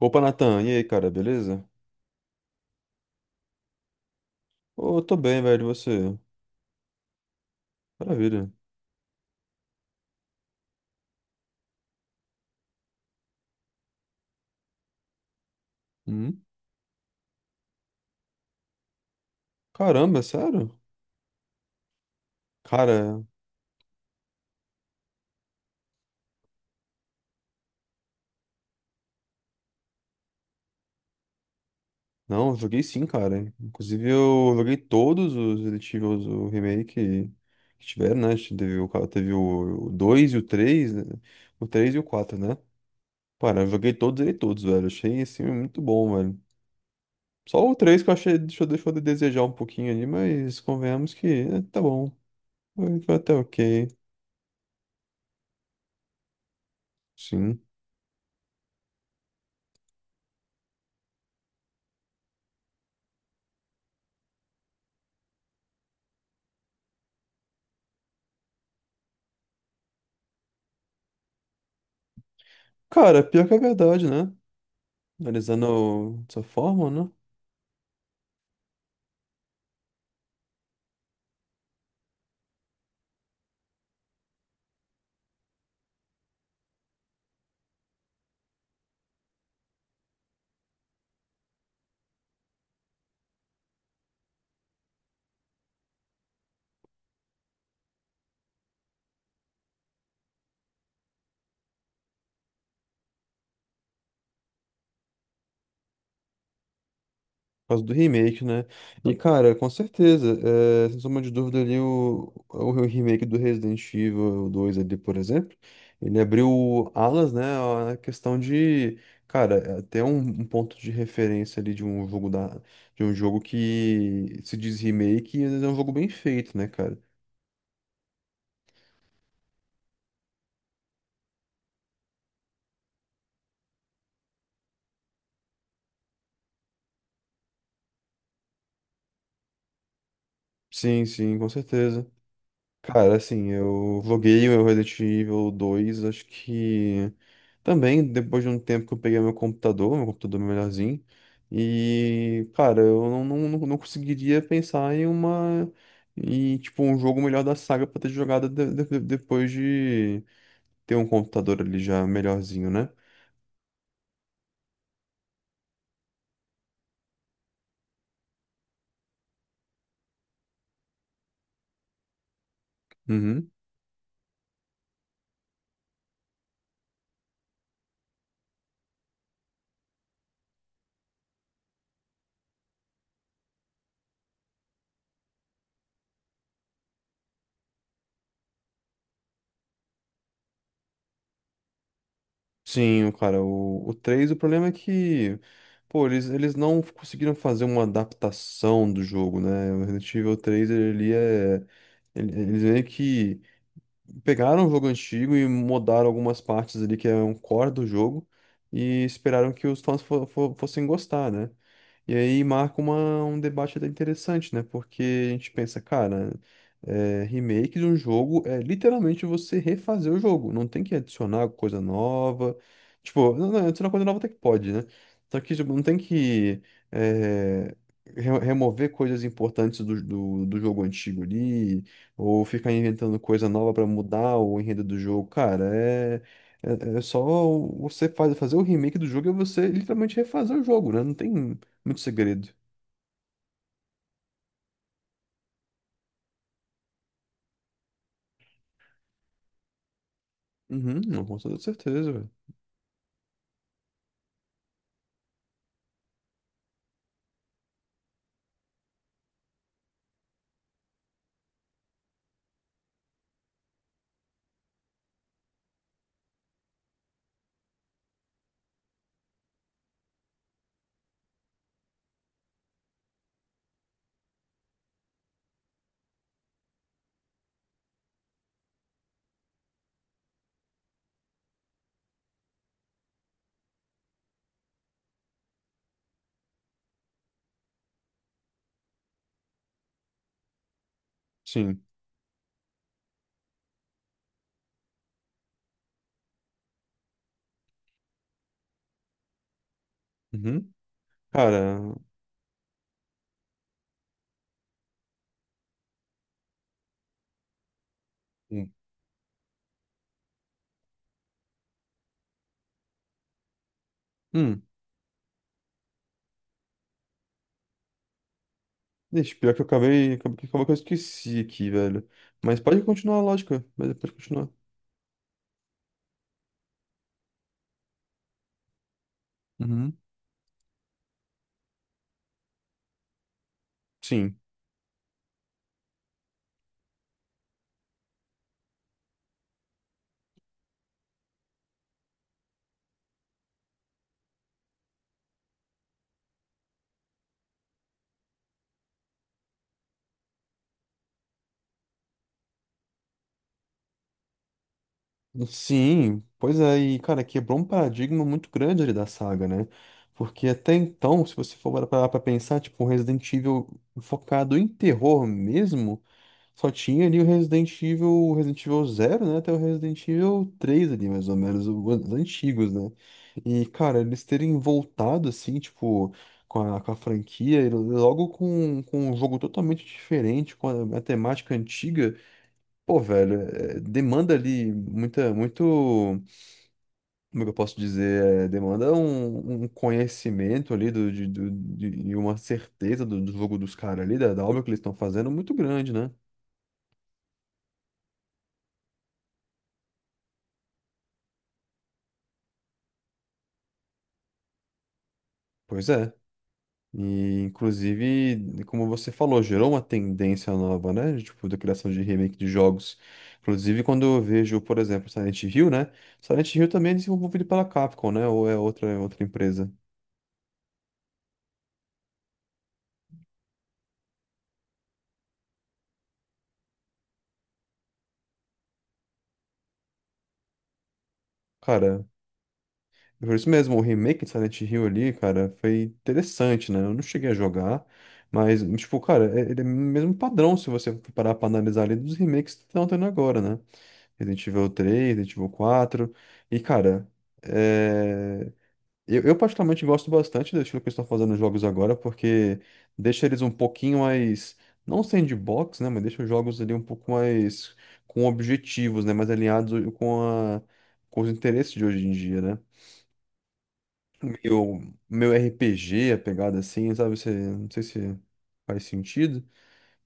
Opa, Natan, e aí, cara, beleza? Ô, tô bem, velho, e você? Maravilha. Hum? Caramba, é sério? Cara, não, eu joguei sim, cara. Inclusive, eu joguei todos os Resident Evil, o remake que tiveram, né? Teve o, teve o 2 e o 3, né? O 3 e o 4, né? Cara, eu joguei todos e todos, velho. Achei, assim, muito bom, velho. Só o 3 que eu achei, deixou de desejar um pouquinho ali, mas convenhamos que, tá bom. Foi até ok, sim. Cara, pior que é verdade, né? Analisando dessa forma, né? Por causa do remake, né? E, cara, com certeza, é, sem sombra de dúvida ali, o remake do Resident Evil dois ali, por exemplo, ele abriu alas, né, a questão de, cara, é até um, um ponto de referência ali de um jogo da, de um jogo que se diz remake e às vezes é um jogo bem feito, né, cara? Sim, sim, com certeza. Cara, assim, eu loguei o Resident Evil dois acho que também depois de um tempo que eu peguei meu computador melhorzinho, e, cara, eu não conseguiria pensar em uma, em, tipo, um jogo melhor da saga pra ter jogado depois de ter um computador ali já melhorzinho, né? Sim, cara, o 3 o problema é que, pô, eles não conseguiram fazer uma adaptação do jogo, né? O Resident Evil três ele é... Eles meio que pegaram o jogo antigo e mudaram algumas partes ali que é um core do jogo e esperaram que os fãs fossem gostar, né? E aí marca uma, um debate até interessante, né? Porque a gente pensa, cara, é, remake de um jogo é literalmente você refazer o jogo. Não tem que adicionar coisa nova. Tipo, não, adicionar coisa nova até que pode, né? Só que tipo, não tem que é, remover coisas importantes do jogo antigo ali, ou ficar inventando coisa nova pra mudar o enredo do jogo. Cara, é. É só você fazer o remake do jogo é você literalmente refazer o jogo, né? Não tem. Muito segredo. Uhum, não, com toda certeza, velho. Sim. Uhum. Cara. Hum. Hum. Deixa, pior que eu acabei. Acabou que eu esqueci aqui, velho. Mas pode continuar a lógica. Mas pode continuar. Uhum. Sim. Sim, pois é, e cara, quebrou um paradigma muito grande ali da saga, né? Porque até então, se você for parar pra pensar, tipo, um Resident Evil focado em terror mesmo. Só tinha ali o Resident Evil Zero, né? Até o Resident Evil três ali, mais ou menos, os antigos, né? E, cara, eles terem voltado, assim, tipo, com a franquia, e logo com um jogo totalmente diferente, com a temática antiga, pô, velho, é, demanda ali muita, muito, como é que eu posso dizer? É, demanda um, um conhecimento ali do, de, e uma certeza do, do jogo dos caras ali, da, da obra que eles estão fazendo, muito grande, né? Pois é. E, inclusive, como você falou, gerou uma tendência nova, né? De, tipo, da criação de remake de jogos. Inclusive, quando eu vejo, por exemplo, Silent Hill, né? Silent Hill também é desenvolvido pela Capcom, né? Ou é outra empresa. Cara, é por isso mesmo, o remake de Silent Hill ali, cara, foi interessante, né? Eu não cheguei a jogar, mas, tipo, cara, ele é o mesmo padrão se você for parar pra analisar ali dos remakes que estão tendo agora, né? Resident Evil três, Resident Evil quatro. E, cara, é, eu particularmente gosto bastante do estilo que eles estão fazendo nos jogos agora, porque deixa eles um pouquinho mais, não sandbox, né, mas deixa os jogos ali um pouco mais com objetivos, né, mais alinhados com a, com os interesses de hoje em dia, né? Meu, meu RPG, a pegada assim, sabe, você, não sei se faz sentido.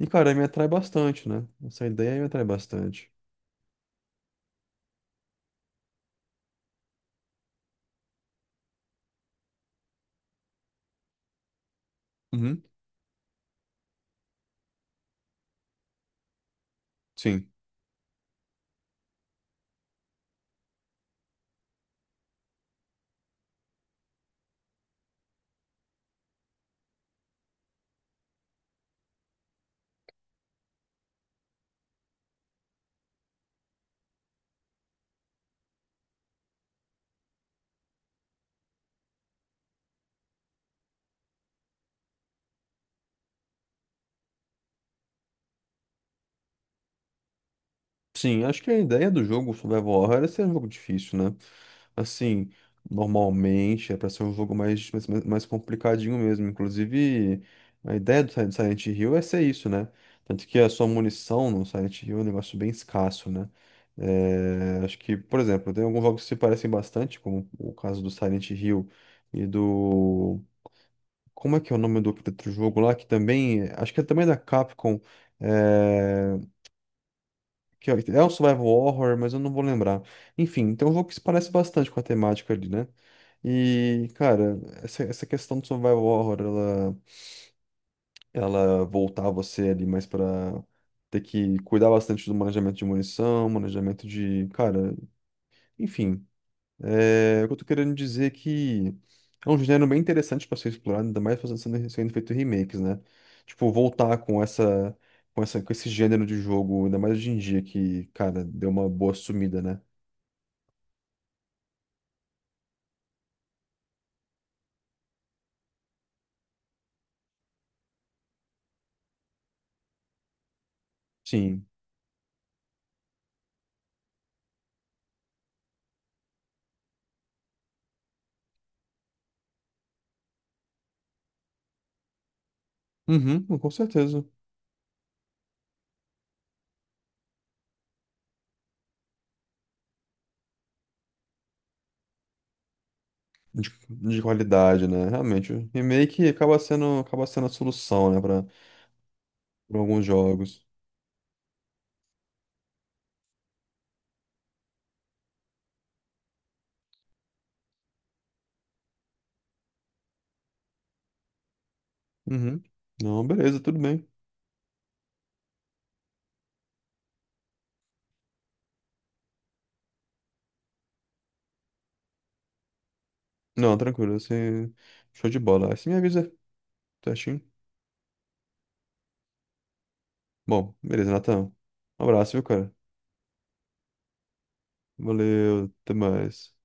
E, cara, me atrai bastante, né? Essa ideia me atrai bastante. Uhum. Sim. Sim, acho que a ideia do jogo Survival Horror é ser um jogo difícil, né? Assim, normalmente é pra ser um jogo mais complicadinho mesmo. Inclusive, a ideia do Silent Hill é ser isso, né? Tanto que a sua munição no Silent Hill é um negócio bem escasso, né? É, acho que, por exemplo, tem alguns jogos que se parecem bastante, como o caso do Silent Hill e do. Como é que é o nome do outro jogo lá? Que também. Acho que é também da Capcom. É, que é um survival horror, mas eu não vou lembrar. Enfim, então é um jogo que se parece bastante com a temática ali, né? E, cara, essa questão do survival horror, ela voltar você ali mais pra ter que cuidar bastante do manejamento de munição, manejamento de, cara, enfim. É, o que eu tô querendo dizer é que é um gênero bem interessante para ser explorado, ainda mais fazendo sendo, sendo feito remakes, né? Tipo, voltar com essa, com essa, com esse gênero de jogo, ainda mais hoje em dia que, cara, deu uma boa sumida, né? Sim. Uhum, com certeza. De qualidade, né? Realmente, o remake acaba sendo a solução, né, para alguns jogos. Uhum. Não, beleza, tudo bem. Não, tranquilo, assim, show de bola. Aí você me avisa, certinho? Bom, beleza, Natan. Um abraço, viu, cara? Valeu, até mais.